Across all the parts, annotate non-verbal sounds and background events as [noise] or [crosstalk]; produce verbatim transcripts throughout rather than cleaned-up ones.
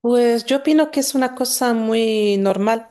Pues yo opino que es una cosa muy normal,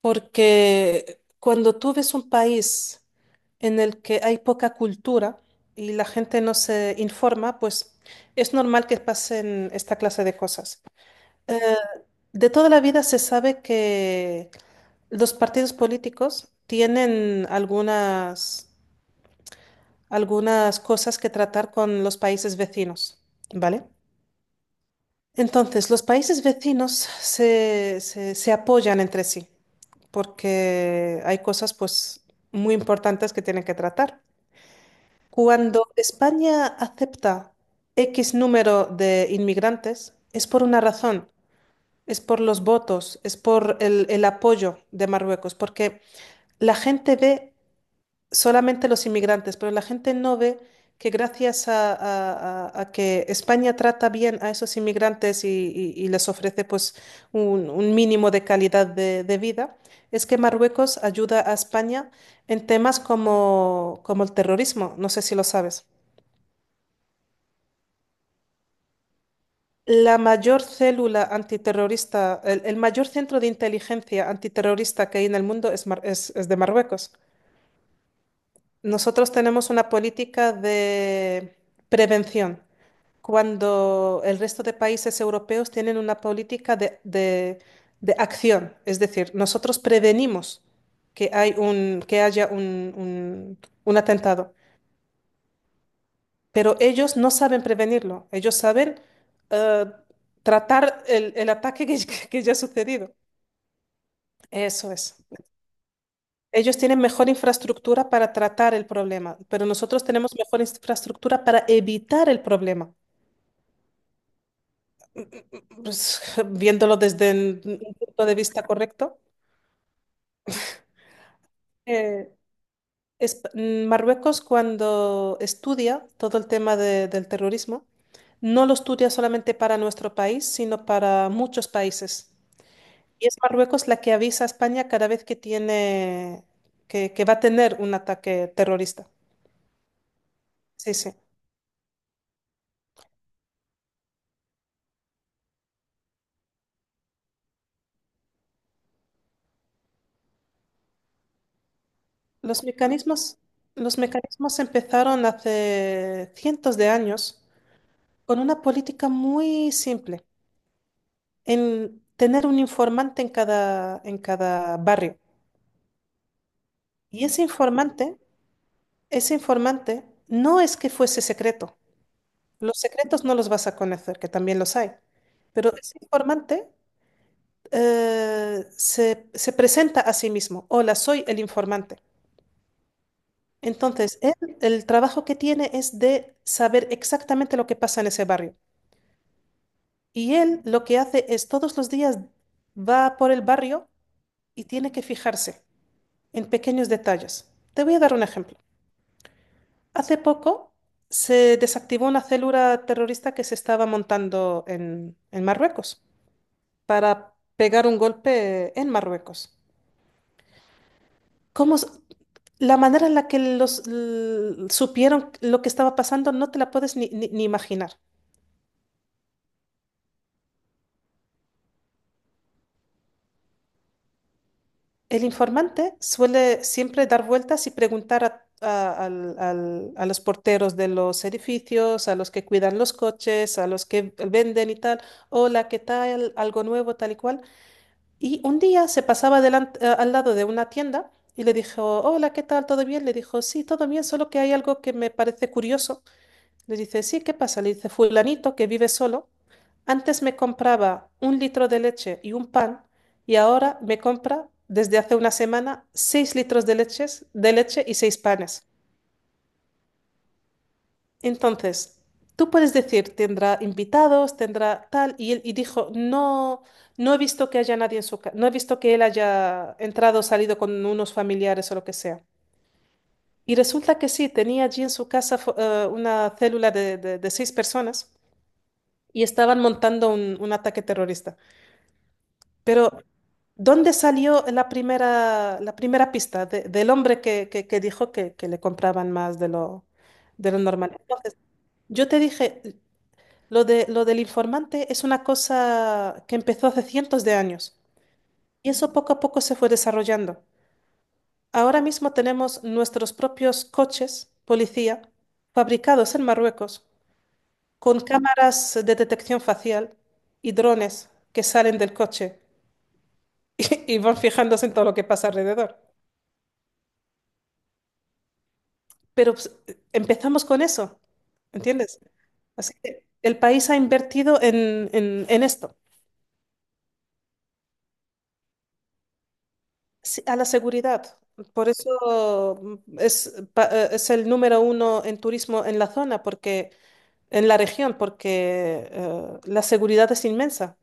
porque cuando tú ves un país en el que hay poca cultura y la gente no se informa, pues es normal que pasen esta clase de cosas. Eh, de toda la vida se sabe que los partidos políticos tienen algunas, algunas cosas que tratar con los países vecinos, ¿vale? Entonces, los países vecinos se, se- se apoyan entre sí porque hay cosas pues muy importantes que tienen que tratar. Cuando España acepta X número de inmigrantes, es por una razón, es por los votos, es por el, el apoyo de Marruecos, porque la gente ve solamente los inmigrantes, pero la gente no ve que gracias a, a- a- a que España trata bien a esos inmigrantes y, y- y les ofrece pues un, un mínimo de calidad de, de vida, es que Marruecos ayuda a España en temas como, como el terrorismo, no sé si lo sabes. La mayor célula antiterrorista, el, el mayor centro de inteligencia antiterrorista que hay en el mundo es, Mar- es es de Marruecos. Nosotros tenemos una política de prevención, cuando el resto de países europeos tienen una política de, de- de acción. Es decir, nosotros prevenimos que hay un, que haya un, un- un atentado, pero ellos no saben prevenirlo. Ellos saben eh, tratar el, el ataque que, [laughs] que ya ha sucedido. Eso es. Ellos tienen mejor infraestructura para tratar el problema, pero nosotros tenemos mejor infraestructura para evitar el problema. Pues, [laughs] viéndolo desde el- un punto de vista correcto, eh, es- mm, Marruecos, cuando estudia todo el tema de- del terrorismo, no lo estudia solamente para nuestro país, sino para muchos países. Y es Marruecos la que avisa a España cada vez que tiene, que, que va a tener un ataque terrorista. Sí, sí. Los mecanismos, los mecanismos empezaron hace cientos de años con una política muy simple, en tener un informante en cada, en cada barrio. Y ese informante, ese informante no es que fuese secreto. Los secretos no los vas a conocer, que también los hay. Pero ese informante, eh, se, se presenta a sí mismo. Hola, soy el informante. Entonces, él, el trabajo que tiene es de saber exactamente lo que pasa en ese barrio. Y él lo que hace es todos los días va por el barrio y tiene que fijarse en pequeños detalles. Te voy a dar un ejemplo. Hace poco se desactivó una célula terrorista que se estaba montando en, en Marruecos para pegar un golpe en Marruecos. ¿Cómo s- la manera en la que los l- supieron lo que estaba pasando no te la puedes ni, ni- ni imaginar. El informante suele siempre dar vueltas y preguntar a, a- al- al- a los porteros de los edificios, a los que cuidan los coches, a los que venden y tal, hola, ¿qué tal? Algo nuevo, tal y cual. Y un día se pasaba delan- eh, al lado de una tienda y le dijo, hola, ¿qué tal? ¿Todo bien? Le dijo, sí, todo bien, solo que hay algo que me parece curioso. Le dice, sí, ¿qué pasa? Le dice, fulanito que vive solo, antes me compraba un litro de leche y un pan, y ahora me compra desde hace una semana seis litros de leches, de leche y seis panes. Entonces, tú puedes decir, tendrá invitados, tendrá tal, y él y dijo, no, no he visto que haya nadie en su casa, no he visto que él haya entrado o salido con unos familiares o lo que sea. Y resulta que sí, tenía allí en su casa fo- eh, una célula de de- de seis personas, y estaban montando un, un ataque terrorista. Pero, ¿dónde salió la primera, la primera pista de- del hombre que, que- que dijo que, que le compraban más de lo, de lo normal? Entonces, yo te dije, lo de, lo del informante es una cosa que empezó hace cientos de años, y eso poco a poco se fue desarrollando. Ahora mismo tenemos nuestros propios coches policía fabricados en Marruecos, con cámaras de detección facial y drones que salen del coche [laughs] y van fijándose en todo lo que pasa alrededor. Pero pues, empezamos con eso, ¿entiendes? Así que el país ha invertido en, en- en esto, sí, a la seguridad. Por eso mm, es, pa- eh, es el número uno en turismo en la zona, porque, en la región, porque eh, la seguridad es inmensa.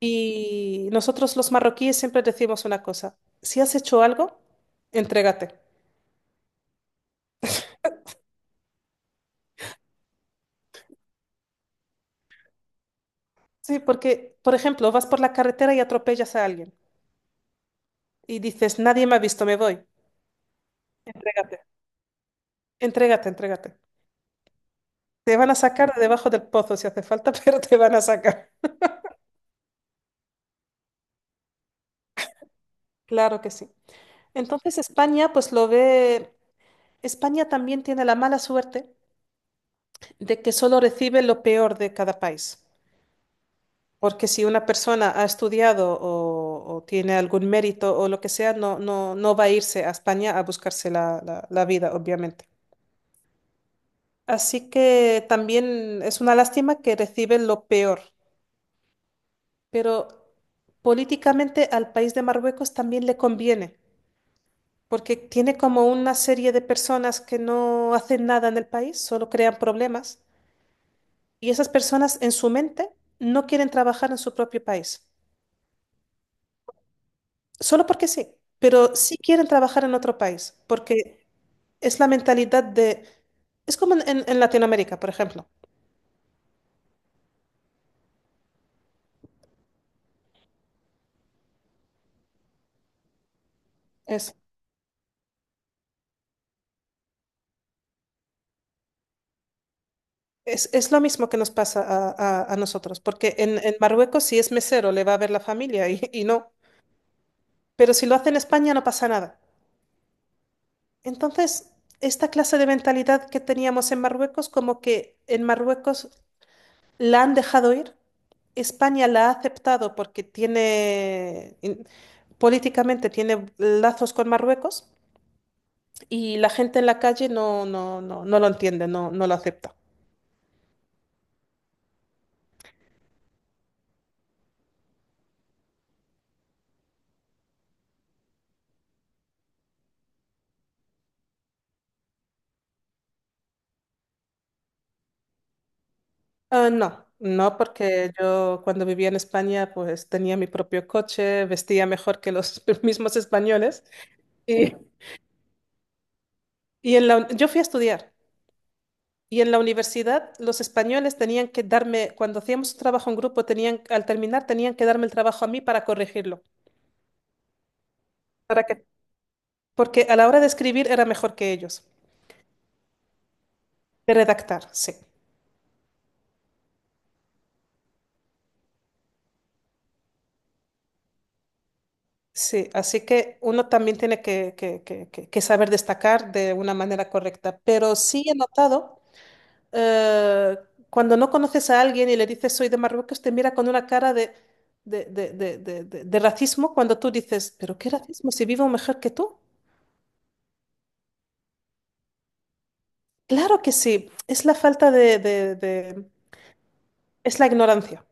Y nosotros los marroquíes siempre decimos una cosa, si has hecho algo, entrégate. Sí, porque, por ejemplo, vas por la carretera y atropellas a alguien, y dices, nadie me ha visto, me voy. Entrégate, entrégate, entrégate. Te van a sacar de debajo del pozo si hace falta, [laughs] pero te van a sacar. Claro que sí. Entonces España, pues lo ve, España también tiene la mala suerte de que solo recibe lo peor de cada país. Porque si una persona ha estudiado o, o tiene algún mérito o lo que sea, no, no, no va a irse a España a buscarse la, la la vida, obviamente. Así que también es una lástima que recibe lo peor, pero políticamente al país de Marruecos también le conviene, porque tiene como una serie de personas que no hacen nada en el país, solo crean problemas, y esas personas en su mente no quieren trabajar en su propio país, solo porque sí, pero sí quieren trabajar en otro país, porque es la mentalidad de... Es como en, en- en Latinoamérica, por ejemplo. Es, es, es lo mismo que nos pasa a, a- a nosotros, porque en, en Marruecos si es mesero le va a ver la familia y, y no. Pero si lo hace en España no pasa nada. Entonces, esta clase de mentalidad que teníamos en Marruecos, como que en Marruecos la han dejado ir, España la ha aceptado porque tiene, in- políticamente tiene lazos con Marruecos, y la gente en la calle no, no, no, no lo entiende, no, no lo acepta. Ah, no, no, porque yo cuando vivía en España pues tenía mi propio coche, vestía mejor que los [laughs] mismos españoles. Y, y en la, yo fui a estudiar. Y en la universidad los españoles tenían que darme, cuando hacíamos un trabajo en grupo, tenían, al terminar tenían que darme el trabajo a mí para corregirlo. ¿Para qué? Porque a la hora de escribir era mejor que ellos. De redactar, sí. Sí, así que uno también tiene que, que- que- que- que saber destacar de una manera correcta. Pero sí he notado, eh, cuando no conoces a alguien y le dices soy de Marruecos, te mira con una cara de, de, de de- de- de- de racismo, cuando tú dices, pero ¿qué racismo si vivo mejor que tú? Claro que sí, es la falta de, de- de- es la ignorancia.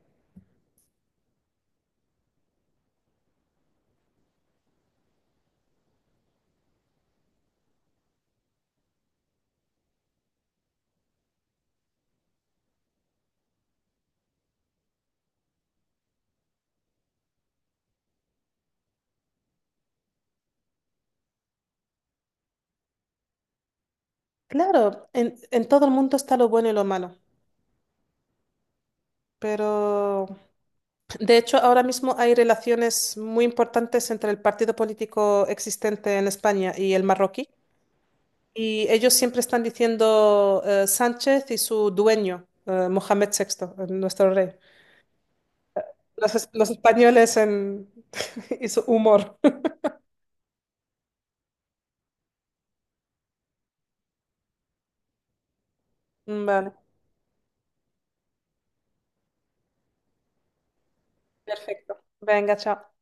Claro, en, en todo el mundo está lo bueno y lo malo, pero de hecho ahora mismo hay relaciones muy importantes entre el partido político existente en España y el marroquí, y ellos siempre están diciendo eh, Sánchez y su dueño, eh, Mohamed sexto, eh, nuestro rey. Los, es- los españoles en... [laughs] y su humor. [laughs] Vale, perfecto. Venga, chao.